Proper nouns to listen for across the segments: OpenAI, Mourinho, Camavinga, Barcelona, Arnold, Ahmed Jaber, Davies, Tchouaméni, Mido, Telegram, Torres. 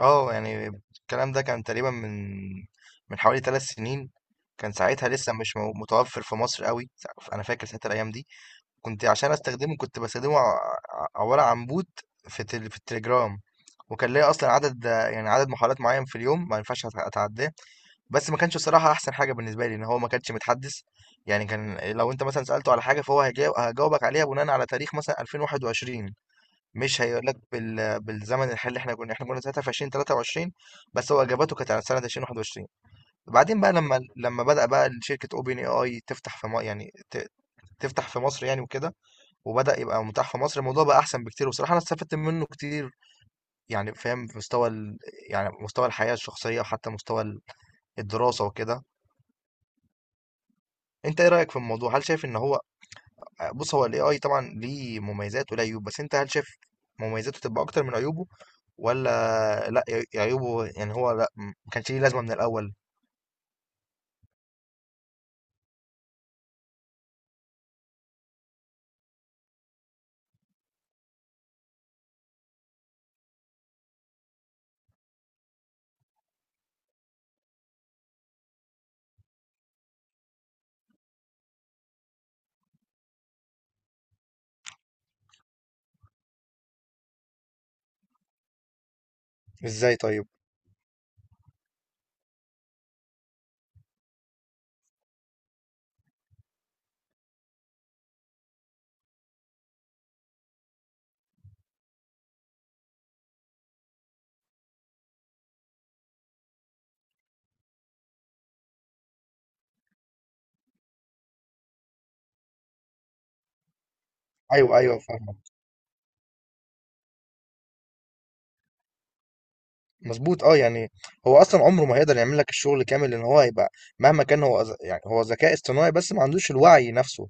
اه يعني الكلام ده كان تقريبا من حوالي ثلاث سنين. كان ساعتها لسه مش مو- متوفر في مصر قوي. انا فاكر ساعتها الايام دي كنت عشان استخدمه كنت بستخدمه عباره عن بوت في التليجرام، وكان ليا اصلا عدد، يعني عدد محاولات معين في اليوم ما ينفعش اتعداه. بس ما كانش الصراحه احسن حاجه بالنسبه لي ان هو ما كانش متحدث، يعني كان لو انت مثلا سالته على حاجه فهو هجاوبك عليها بناء على تاريخ مثلا 2021، مش هيقول لك بالزمن الحالي اللي احنا كنا ساعتها في 2023. بس هو اجابته كانت على سنه 2021. بعدين بقى لما بدا بقى شركه اوبن اي اي تفتح في تفتح في مصر يعني وكده، وبدا يبقى متاح في مصر. الموضوع بقى احسن بكتير وبصراحه انا استفدت منه كتير، يعني فاهم في مستوى يعني مستوى الحياه الشخصيه وحتى مستوى الدراسه وكده. انت ايه رايك في الموضوع؟ هل شايف ان هو، بص هو الاي اي طبعا ليه مميزات وليه عيوب، بس انت هل شايف مميزاته تبقى اكتر من عيوبه ولا لا، عيوبه يعني هو لا، ما كانش ليه لازمه من الاول؟ ازاي طيب؟ ايوه ايوه، فاهمك. مظبوط اه يعني، هو اصلا عمره ما هيقدر يعمل لك الشغل كامل لان هو هيبقى مهما كان هو يعني هو ذكاء اصطناعي بس ما عندوش الوعي نفسه.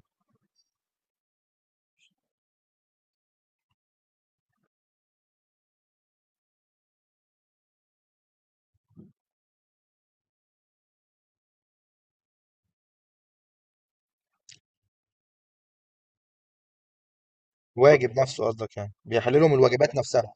الواجب نفسه قصدك؟ يعني بيحللهم الواجبات نفسها؟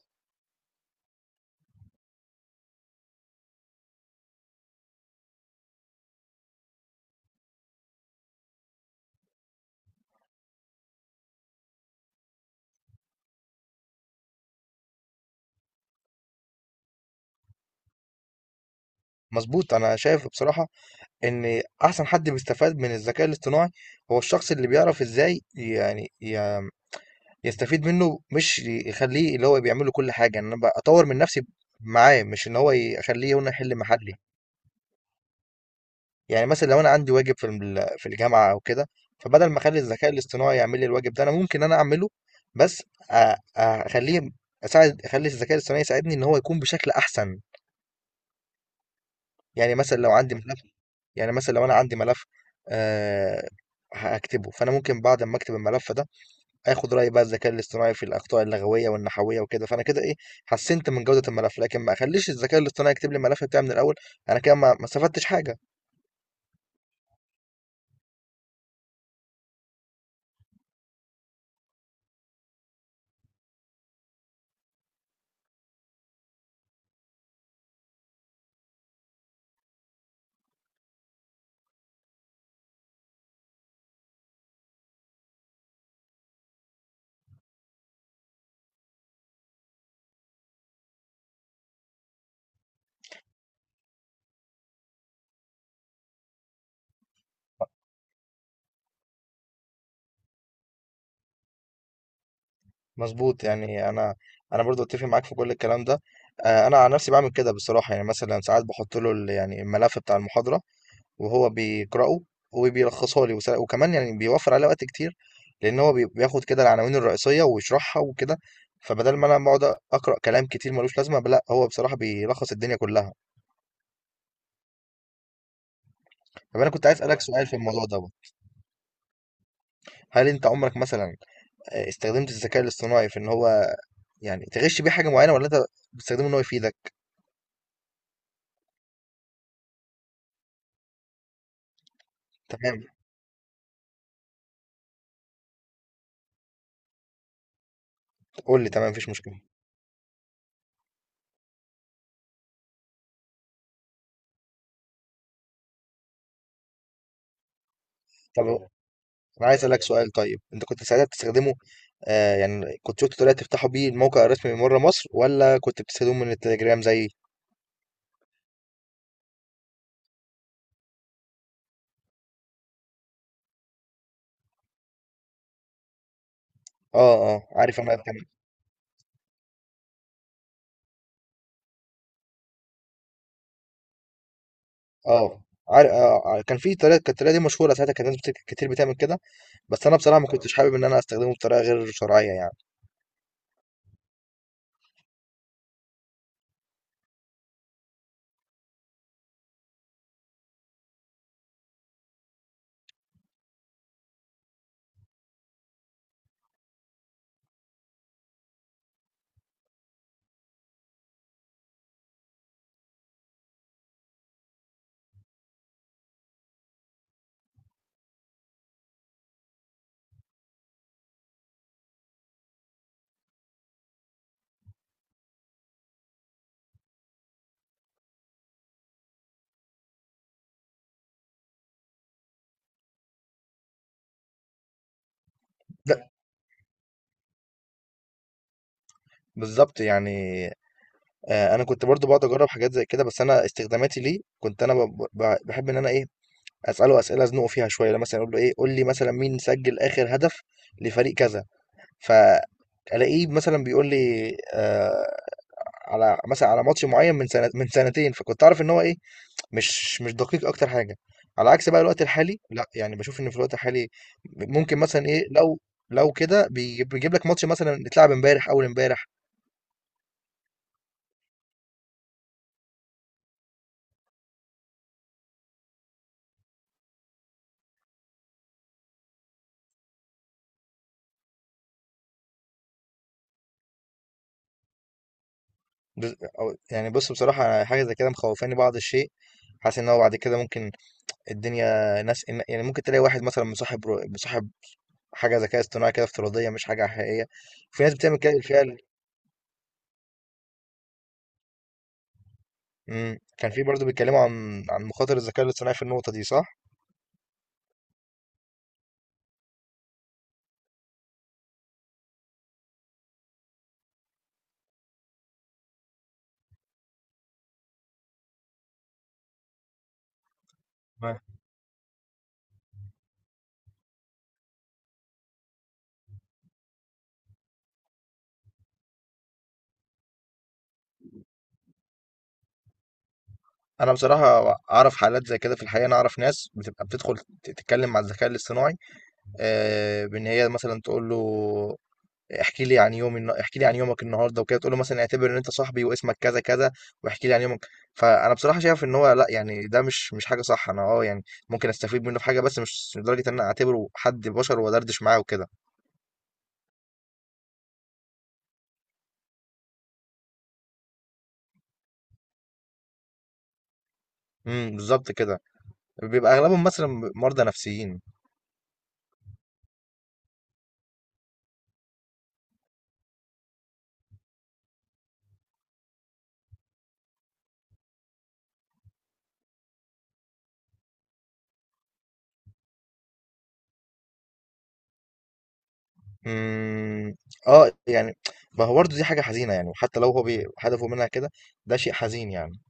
مظبوط، انا شايف بصراحه ان احسن حد بيستفاد من الذكاء الاصطناعي هو الشخص اللي بيعرف ازاي، يعني يستفيد منه، مش يخليه اللي هو بيعمل له كل حاجة. إن أنا بقى أطور من نفسي معاه، مش إن هو أخليه هنا يحل محلي. يعني مثلا لو أنا عندي واجب في في الجامعة أو كده، فبدل ما أخلي الذكاء الاصطناعي يعمل لي الواجب ده، أنا ممكن أعمله، بس أخليه أساعد، أخلي الذكاء الاصطناعي يساعدني إن هو يكون بشكل أحسن. يعني مثلا لو عندي ملف، يعني مثلا لو أنا عندي ملف أه هكتبه، فأنا ممكن بعد ما أكتب الملف ده اخد راي بقى الذكاء الاصطناعي في الاخطاء اللغويه والنحويه وكده، فانا كده ايه، حسنت من جوده الملف، لكن ما اخليش الذكاء الاصطناعي يكتب لي الملف بتاعي من الاول، انا كده ما استفدتش حاجه. مظبوط. يعني انا، برضو اتفق معاك في كل الكلام ده. انا عن نفسي بعمل كده بصراحه، يعني مثلا ساعات بحط له يعني الملف بتاع المحاضره وهو بيقراه وبيلخصها لي، وكمان يعني بيوفر علي وقت كتير، لان هو بياخد كده العناوين الرئيسيه ويشرحها وكده، فبدل ما انا بقعد اقرا كلام كتير ملوش لازمه، لا هو بصراحه بيلخص الدنيا كلها. طب انا كنت عايز اسالك سؤال في الموضوع دوت، هل انت عمرك مثلا استخدمت الذكاء الاصطناعي في ان هو يعني تغش بيه حاجه معينه، ولا انت بتستخدمه ان هو يفيدك؟ تمام، قول لي تمام، مفيش مشكله. طب انا عايز اسالك سؤال، طيب انت كنت ساعتها بتستخدمه، آه يعني كنت شفت طريقه تفتحوا بيه الموقع الرسمي من بره مصر، ولا كنت بتستخدمه من التليجرام زي؟ اه اه، عارف انا كان، اه عارف آه آه، كان في طريقه، كانت الطريقه دي مشهوره ساعتها، كانت ناس كتير بتعمل كده، بس انا بصراحه ما كنتش حابب ان انا استخدمه بطريقه غير شرعيه يعني. لا، بالظبط يعني. انا كنت برضو بقعد اجرب حاجات زي كده، بس انا استخداماتي ليه، كنت انا بحب ان انا ايه، اساله اسئله ازنقه فيها شويه. لو مثلا اقول له ايه، قول لي مثلا مين سجل اخر هدف لفريق كذا، فالاقيه مثلا بيقول لي آه على مثلا على ماتش معين من سنه، من سنتين، فكنت اعرف ان هو ايه، مش دقيق اكتر حاجه. على عكس بقى الوقت الحالي، لا يعني بشوف ان في الوقت الحالي ممكن مثلا ايه، لو كده بيجيب لك ماتش مثلا اتلعب امبارح اول امبارح. يعني بص بصراحة، أنا حاجة زي كده مخوفاني بعض الشيء. حاسس ان هو بعد كده ممكن الدنيا ناس، يعني ممكن تلاقي واحد مثلا مصاحب حاجة ذكاء اصطناعي كده افتراضية، مش حاجة حقيقية. في ناس بتعمل كده بالفعل. كان في برضه بيتكلموا عن مخاطر الذكاء الاصطناعي في النقطة دي صح؟ ما، انا بصراحه اعرف حالات زي كده في الحقيقه. انا اعرف ناس بتبقى بتدخل تتكلم مع الذكاء الاصطناعي، بان هي مثلا تقول له احكي لي عن احكي لي عن يومك النهارده وكده، تقول له مثلا اعتبر ان انت صاحبي واسمك كذا كذا واحكي لي عن يومك. فانا بصراحه شايف ان هو لا، يعني ده مش حاجه صح. انا اه يعني ممكن استفيد منه في حاجه، بس مش لدرجه ان انا اعتبره حد بشر وادردش معاه وكده. امم، بالظبط كده. بيبقى اغلبهم مثلا مرضى نفسيين. امم اه يعني، ما هو برضه دي حاجه حزينه يعني، وحتى لو هو هدفه منها كده، ده شيء حزين يعني.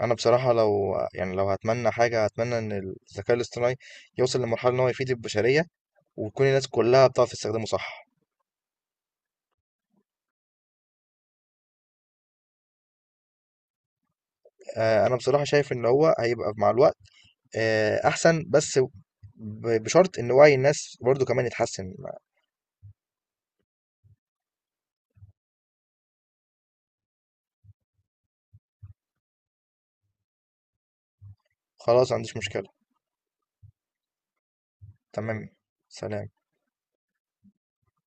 انا بصراحه لو يعني، لو هتمنى حاجه هتمنى ان الذكاء الاصطناعي يوصل لمرحله ان هو يفيد البشريه، وتكون الناس كلها بتعرف تستخدمه صح. انا بصراحه شايف ان هو هيبقى مع الوقت احسن، بس بشرط ان وعي الناس برضو كمان يتحسن. خلاص، ما عنديش مشكله. تمام. سلام.